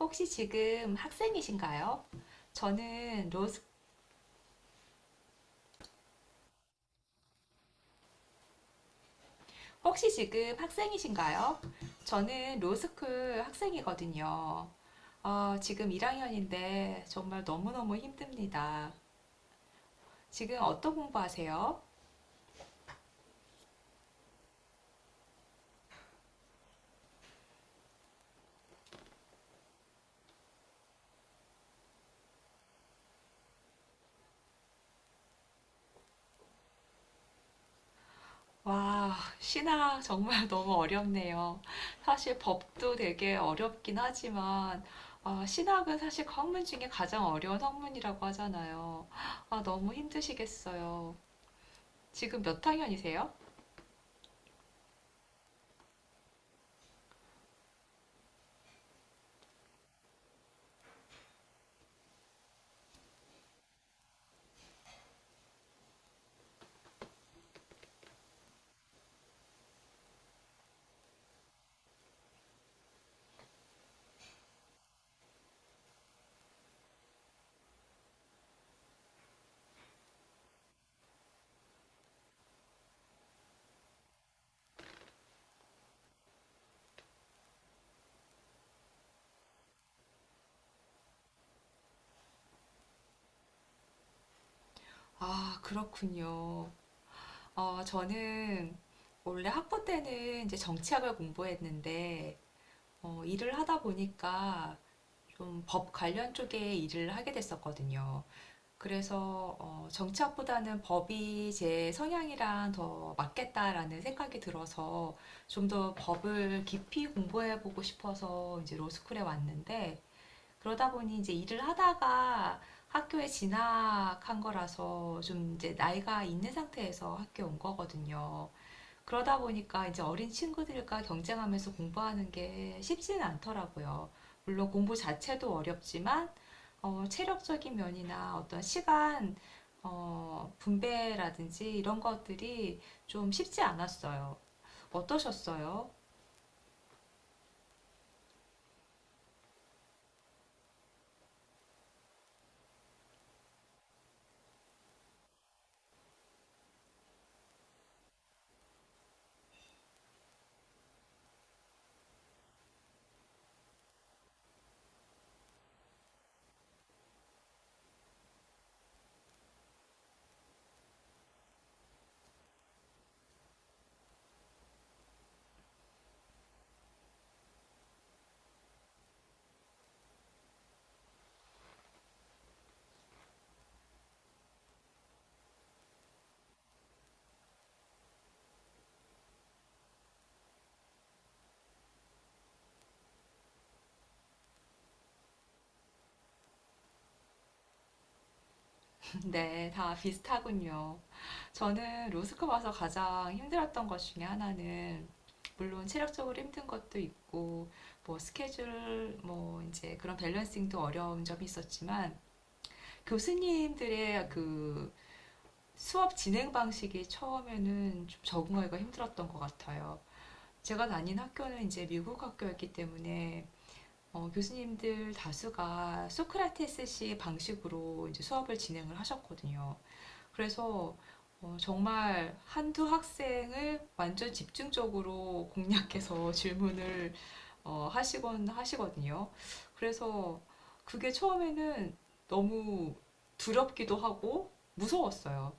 혹시 지금 학생이신가요? 저는 로스 혹시 지금 학생이신가요? 저는 로스쿨 학생이거든요. 지금 1학년인데 정말 너무너무 힘듭니다. 지금 어떤 공부하세요? 와, 신학 정말 너무 어렵네요. 사실 법도 되게 어렵긴 하지만 아, 신학은 사실 그 학문 중에 가장 어려운 학문이라고 하잖아요. 아, 너무 힘드시겠어요. 지금 몇 학년이세요? 아, 그렇군요. 저는 원래 학부 때는 이제 정치학을 공부했는데, 일을 하다 보니까 좀 법 관련 쪽에 일을 하게 됐었거든요. 그래서 어, 정치학보다는 법이 제 성향이랑 더 맞겠다라는 생각이 들어서 좀 더 법을 깊이 공부해 보고 싶어서 이제 로스쿨에 왔는데, 그러다 보니 이제 일을 하다가 학교에 진학한 거라서 좀 이제 나이가 있는 상태에서 학교에 온 거거든요. 그러다 보니까 이제 어린 친구들과 경쟁하면서 공부하는 게 쉽지는 않더라고요. 물론 공부 자체도 어렵지만 어, 체력적인 면이나 어떤 시간 어, 분배라든지 이런 것들이 좀 쉽지 않았어요. 어떠셨어요? 네, 다 비슷하군요. 저는 로스쿨 와서 가장 힘들었던 것 중에 하나는 물론 체력적으로 힘든 것도 있고 뭐 스케줄 뭐 이제 그런 밸런싱도 어려운 점이 있었지만 교수님들의 그 수업 진행 방식이 처음에는 좀 적응하기가 힘들었던 것 같아요. 제가 다닌 학교는 이제 미국 학교였기 때문에 어, 교수님들 다수가 소크라테스식 방식으로 이제 수업을 진행을 하셨거든요. 그래서 어, 정말 한두 학생을 완전 집중적으로 공략해서 질문을 어, 하시곤 하시거든요. 그래서 그게 처음에는 너무 두렵기도 하고 무서웠어요.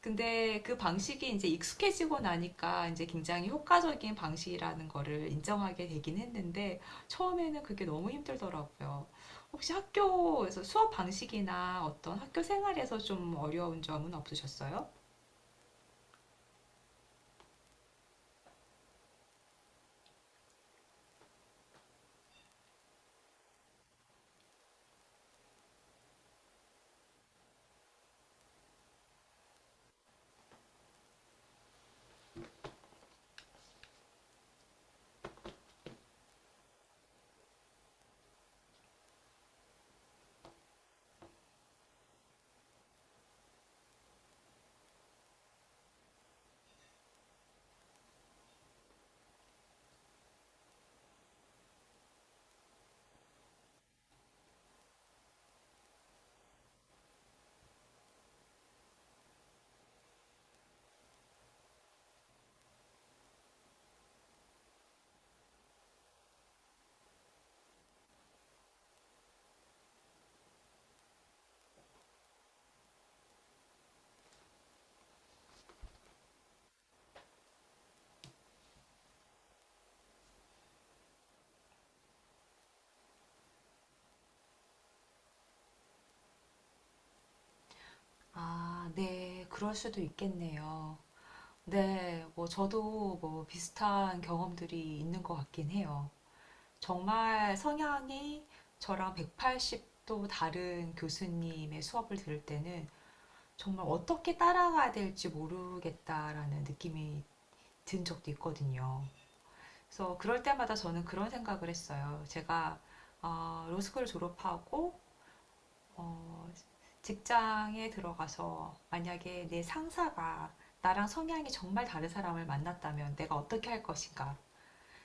근데 그 방식이 이제 익숙해지고 나니까 이제 굉장히 효과적인 방식이라는 거를 인정하게 되긴 했는데 처음에는 그게 너무 힘들더라고요. 혹시 학교에서 수업 방식이나 어떤 학교 생활에서 좀 어려운 점은 없으셨어요? 아, 네, 그럴 수도 있겠네요. 네, 뭐 저도 뭐 비슷한 경험들이 있는 것 같긴 해요. 정말 성향이 저랑 180도 다른 교수님의 수업을 들을 때는 정말 어떻게 따라가야 될지 모르겠다라는 느낌이 든 적도 있거든요. 그래서 그럴 때마다 저는 그런 생각을 했어요. 제가 로스쿨 졸업하고 어, 직장에 들어가서 만약에 내 상사가 나랑 성향이 정말 다른 사람을 만났다면 내가 어떻게 할 것인가?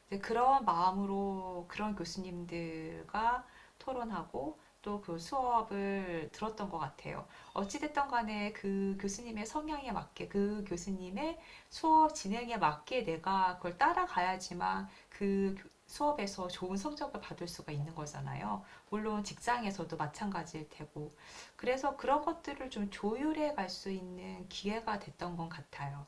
이제 그런 마음으로 그런 교수님들과 토론하고 또 그 수업을 들었던 것 같아요. 어찌됐든 간에 그 교수님의 성향에 맞게, 그 교수님의 수업 진행에 맞게 내가 그걸 따라가야지만 그 수업에서 좋은 성적을 받을 수가 있는 거잖아요. 물론 직장에서도 마찬가지일 테고. 그래서 그런 것들을 좀 조율해 갈 수 있는 기회가 됐던 것 같아요.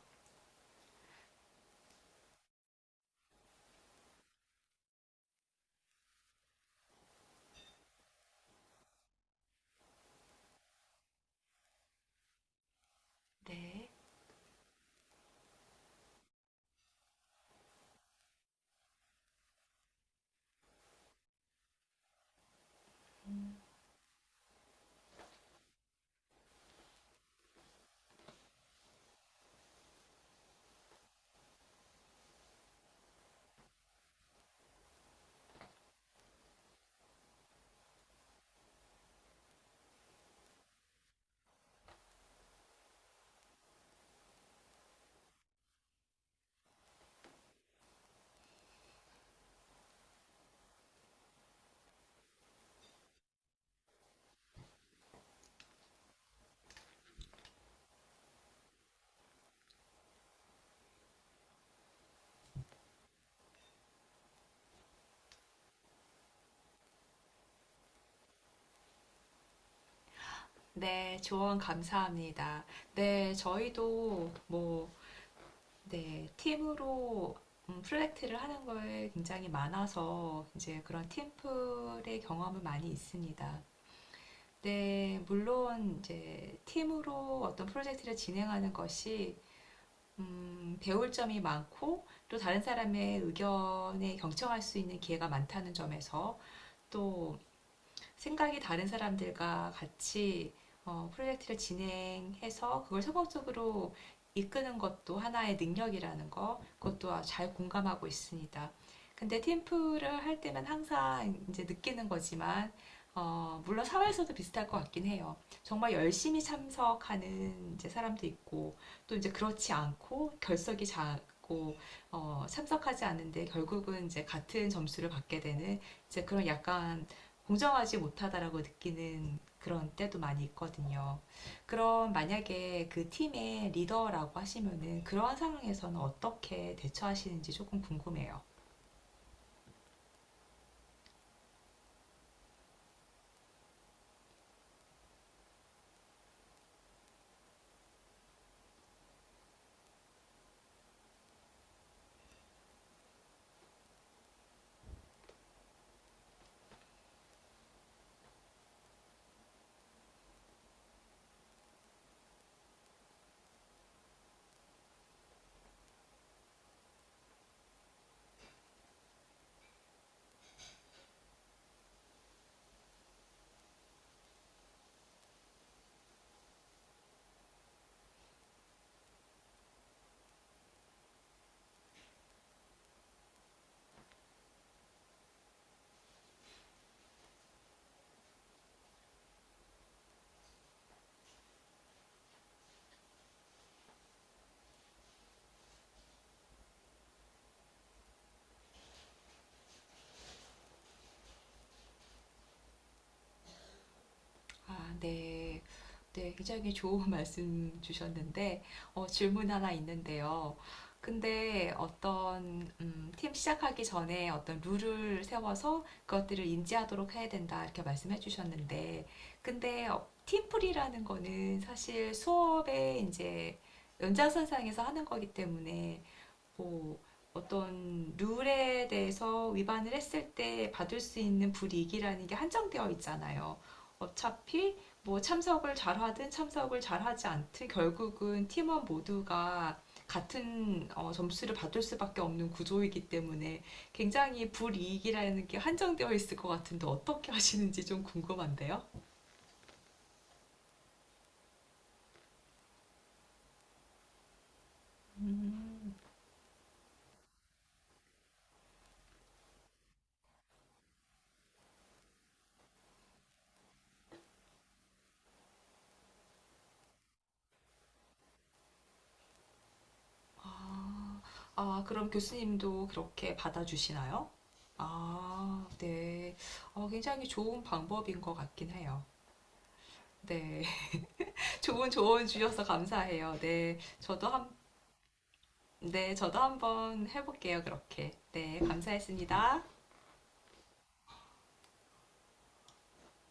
네. 네, 조언 감사합니다. 네, 저희도 뭐, 네, 팀으로 프로젝트를 하는 거에 굉장히 많아서 이제 그런 팀플의 경험을 많이 있습니다. 네, 물론 이제 팀으로 어떤 프로젝트를 진행하는 것이 배울 점이 많고 또 다른 사람의 의견에 경청할 수 있는 기회가 많다는 점에서 또 생각이 다른 사람들과 같이 어, 프로젝트를 진행해서 그걸 성공적으로 이끄는 것도 하나의 능력이라는 거, 그것도 잘 공감하고 있습니다. 근데 팀플을 할 때면 항상 이제 느끼는 거지만, 어, 물론 사회에서도 비슷할 것 같긴 해요. 정말 열심히 참석하는 이제 사람도 있고, 또 이제 그렇지 않고 결석이 작고, 어, 참석하지 않는데 결국은 이제 같은 점수를 받게 되는 이제 그런 약간 공정하지 못하다라고 느끼는 그런 때도 많이 있거든요. 그럼 만약에 그 팀의 리더라고 하시면은 그러한 상황에서는 어떻게 대처하시는지 조금 궁금해요. 아, 네. 네, 굉장히 좋은 말씀 주셨는데, 어, 질문 하나 있는데요. 근데 어떤, 팀 시작하기 전에 어떤 룰을 세워서 그것들을 인지하도록 해야 된다, 이렇게 말씀해 주셨는데, 근데 어, 팀플이라는 거는 사실 수업에 이제 연장선상에서 하는 거기 때문에 뭐 어떤 룰에 대해서 위반을 했을 때 받을 수 있는 불이익이라는 게 한정되어 있잖아요. 어차피 뭐 참석을 잘하든 참석을 잘하지 않든 결국은 팀원 모두가 같은 어, 점수를 받을 수밖에 없는 구조이기 때문에 굉장히 불이익이라는 게 한정되어 있을 것 같은데 어떻게 하시는지 좀 궁금한데요. 음. 아, 아, 그럼 교수님도 그렇게 받아주시나요? 아, 네. 어, 굉장히 좋은 방법인 것 같긴 해요. 네. 좋은 조언 주셔서 감사해요. 네. 저도 한, 네. 저도 한번 해볼게요. 그렇게. 네. 감사했습니다.